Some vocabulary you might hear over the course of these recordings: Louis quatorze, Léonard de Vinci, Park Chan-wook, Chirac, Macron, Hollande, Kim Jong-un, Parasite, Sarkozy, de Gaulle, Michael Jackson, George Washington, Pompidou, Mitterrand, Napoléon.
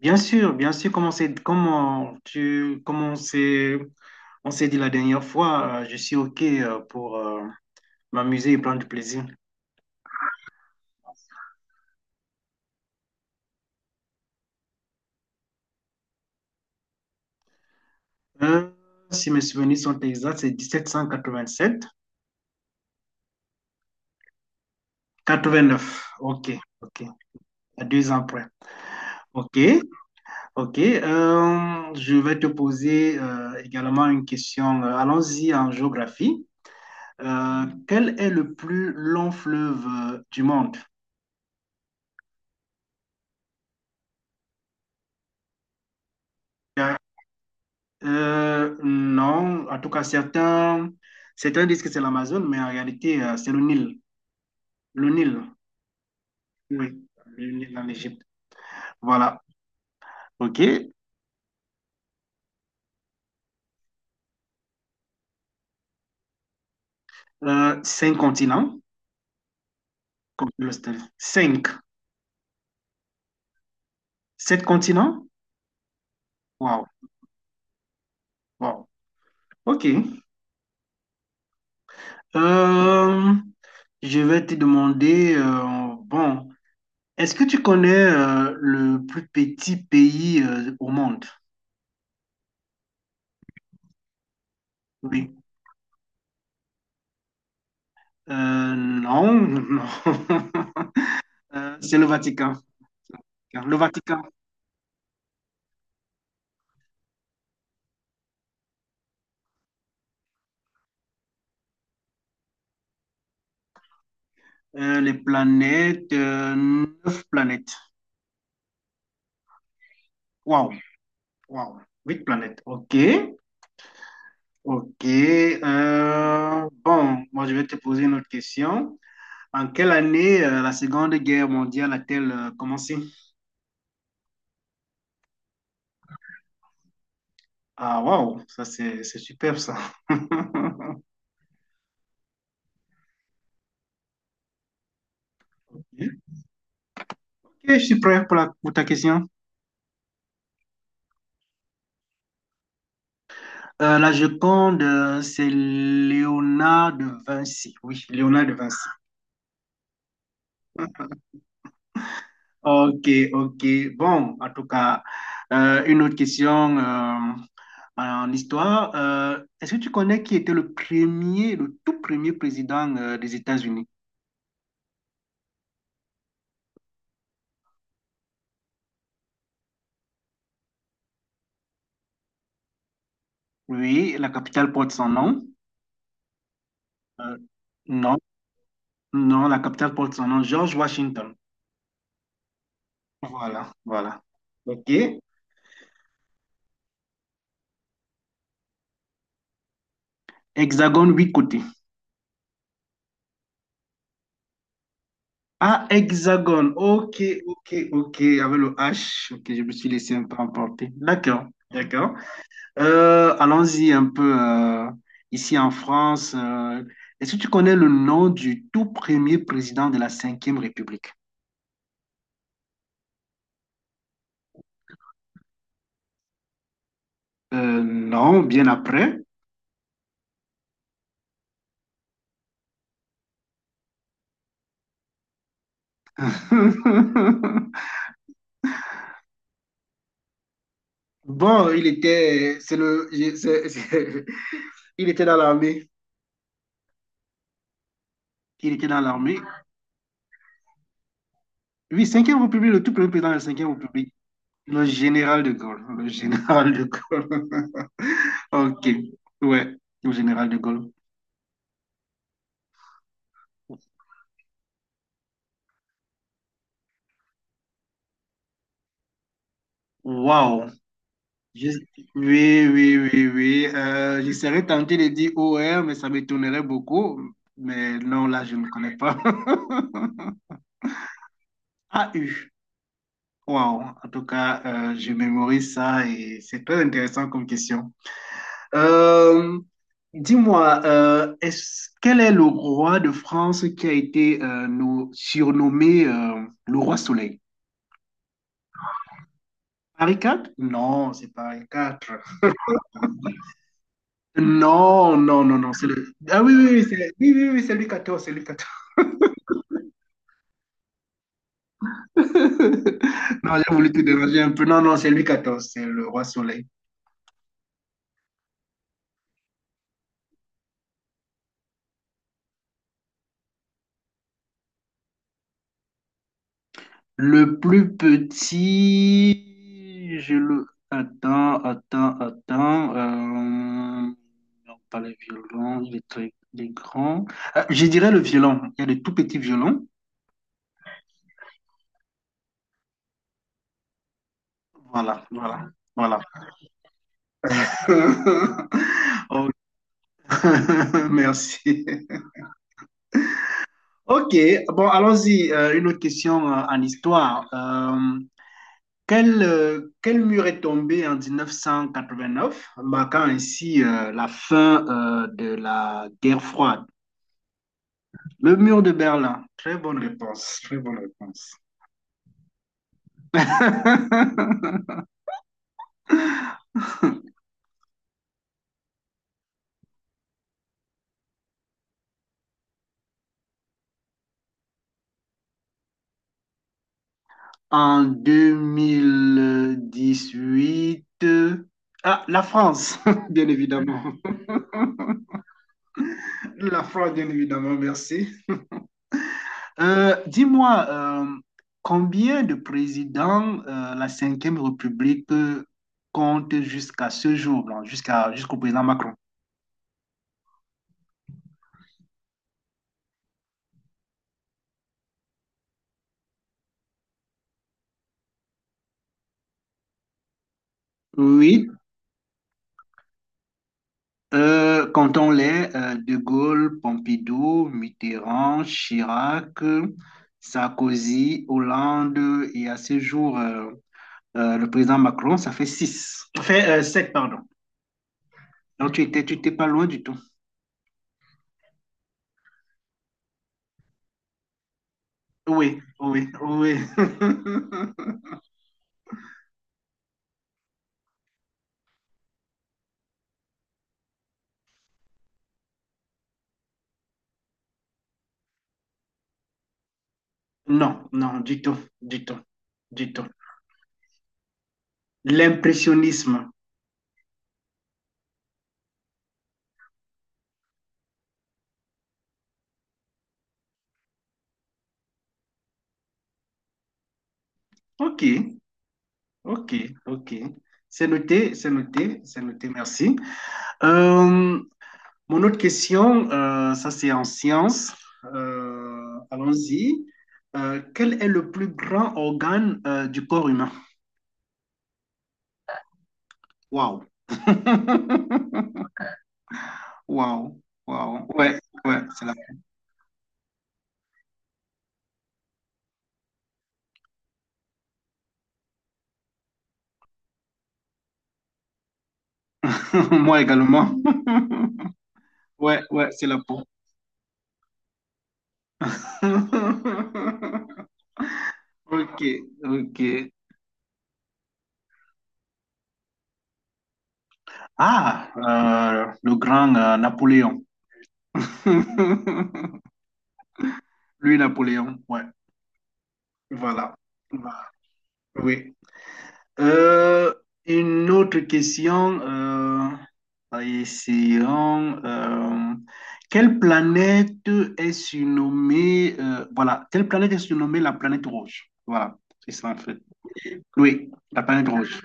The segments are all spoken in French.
Bien sûr, comme on s'est dit la dernière fois, je suis OK pour m'amuser et prendre du plaisir. Euh, Si mes souvenirs sont exacts, c'est 1787. 89. OK, OK, à deux ans près. OK, OK. Je vais te poser également une question. Allons-y en géographie. Quel est le plus long fleuve du monde? Non, en tout cas, certains disent que c'est l'Amazone, mais en réalité, c'est le Nil. Le Nil, oui, le Nil en Égypte. Voilà. OK. Cinq continents, comme le style. Cinq. Sept continents? Waouh, wow. OK. Euh, je vais te demander, bon, est-ce que tu connais le plus petit pays au monde? Oui. Non, non. C'est le Vatican. Car le Vatican. Les planètes, neuf planètes. Waouh, waouh, huit planètes. Ok, ok. Bon, moi je vais te poser une autre question. En quelle année la Seconde Guerre mondiale a-t-elle commencé? Ah, waouh, ça c'est superbe ça. Ok, je suis prêt pour ta question. La Joconde, c'est Léonard de Vinci. Oui, Léonard de Vinci. Ok, ok. Bon, en tout cas, une autre question en histoire. Est-ce que tu connais qui était le tout premier président des États-Unis? Oui, la capitale porte son nom. Euh, non, non, la capitale porte son nom, George Washington. Voilà, voilà. OK. Hexagone, huit côtés. Ah, hexagone. OK, OK, OK. Avec le H. OK, je me suis laissé un peu emporter. D'accord, d'accord. Allons-y un peu ici en France. Est-ce que tu connais le nom du tout premier président de la Cinquième République? Non, bien après. Bon, il était, c'est le, c'est- il était dans l'armée. Il était dans l'armée. Oui, Cinquième République, le tout premier président de la Cinquième République, le général de Gaulle. Le général de Gaulle. Ok, ouais, le général de Gaulle. Waouh! Je- Oui, oui, oui, oui. Je serais tenté de dire O R, mais ça m'étonnerait beaucoup. Mais non, là, je ne connais pas. A U. Wow. En tout cas, je mémorise ça et c'est très intéressant comme question. Euh, Dis-moi, quel est le roi de France qui a été surnommé le roi Soleil? Henri IV? Non, c'est pas Henri IV. Non, non, non, non, c'est le... Ah oui, oui, oui, c'est oui, oui, oui, c'est Louis quatorze. Non, j'ai voulu te déranger un peu. Non, non, c'est Louis quatorze, c'est le roi soleil. Le plus petit, je le... Attends, attends, attends. Non, pas le violon, il est grand. Ah, je dirais le violon. Il y a le tout petits violons. Voilà, voilà, voilà. Oh, merci. Ok, bon, allons-y. Une autre question en histoire. Quel mur est tombé en 1989, marquant ainsi la fin de la guerre froide? Le mur de Berlin. Très bonne réponse, très bonne réponse. En 2018, ah, la France, bien évidemment. La France, bien évidemment, merci. Dis-moi, combien de présidents la Cinquième République compte jusqu'à ce jour, là, jusqu'au président Macron? Oui, comptons-les, De Gaulle, Pompidou, Mitterrand, Chirac, Sarkozy, Hollande et à ce jour, le président Macron, ça fait six. Ça fait sept, pardon. Donc tu étais pas loin du tout. Oui, oui, oui. Non, non, du tout, du tout, du tout. L'impressionnisme. Ok, ok, ok. C'est noté, c'est noté, c'est noté, merci. Euh, Mon autre question, ça c'est en sciences. Allons-y. Quel est le plus grand organe du corps humain? Waouh. Waouh, waouh. Ouais, ouais, c'est la peau. Moi également. Ouais, ouais, c'est la peau. Ok, ok. Ah, le grand Napoléon. Lui, Napoléon, ouais. Voilà. Voilà. Oui. Euh, une autre question. Essayons. Quelle planète est surnommée, voilà, quelle planète est surnommée la planète rouge? Voilà, c'est ça en fait. Oui, la planète rouge.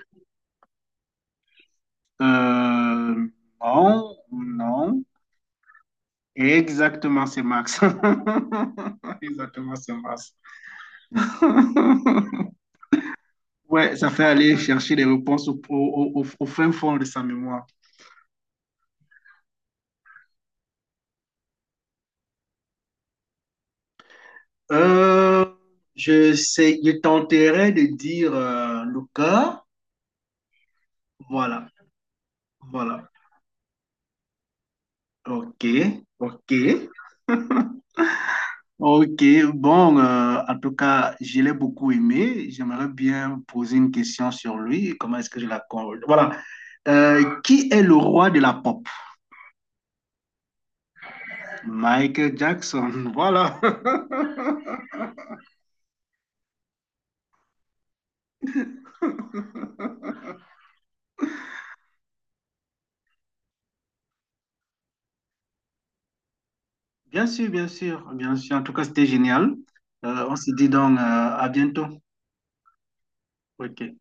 Euh, non, non. Exactement, c'est Max. Exactement, c'est Max. Ouais, ça fait aller chercher les réponses au fin fond de sa mémoire. Euh, je sais, je tenterai de dire le cas. Voilà, voilà. Ok, ok, ok. Bon, en tout cas, je l'ai beaucoup aimé. J'aimerais bien poser une question sur lui. Comment est-ce que je la... Voilà. Qui est le roi de la pop? Michael Jackson, voilà. Bien sûr, bien sûr, bien sûr. En tout cas, c'était génial. On se dit donc à bientôt. OK.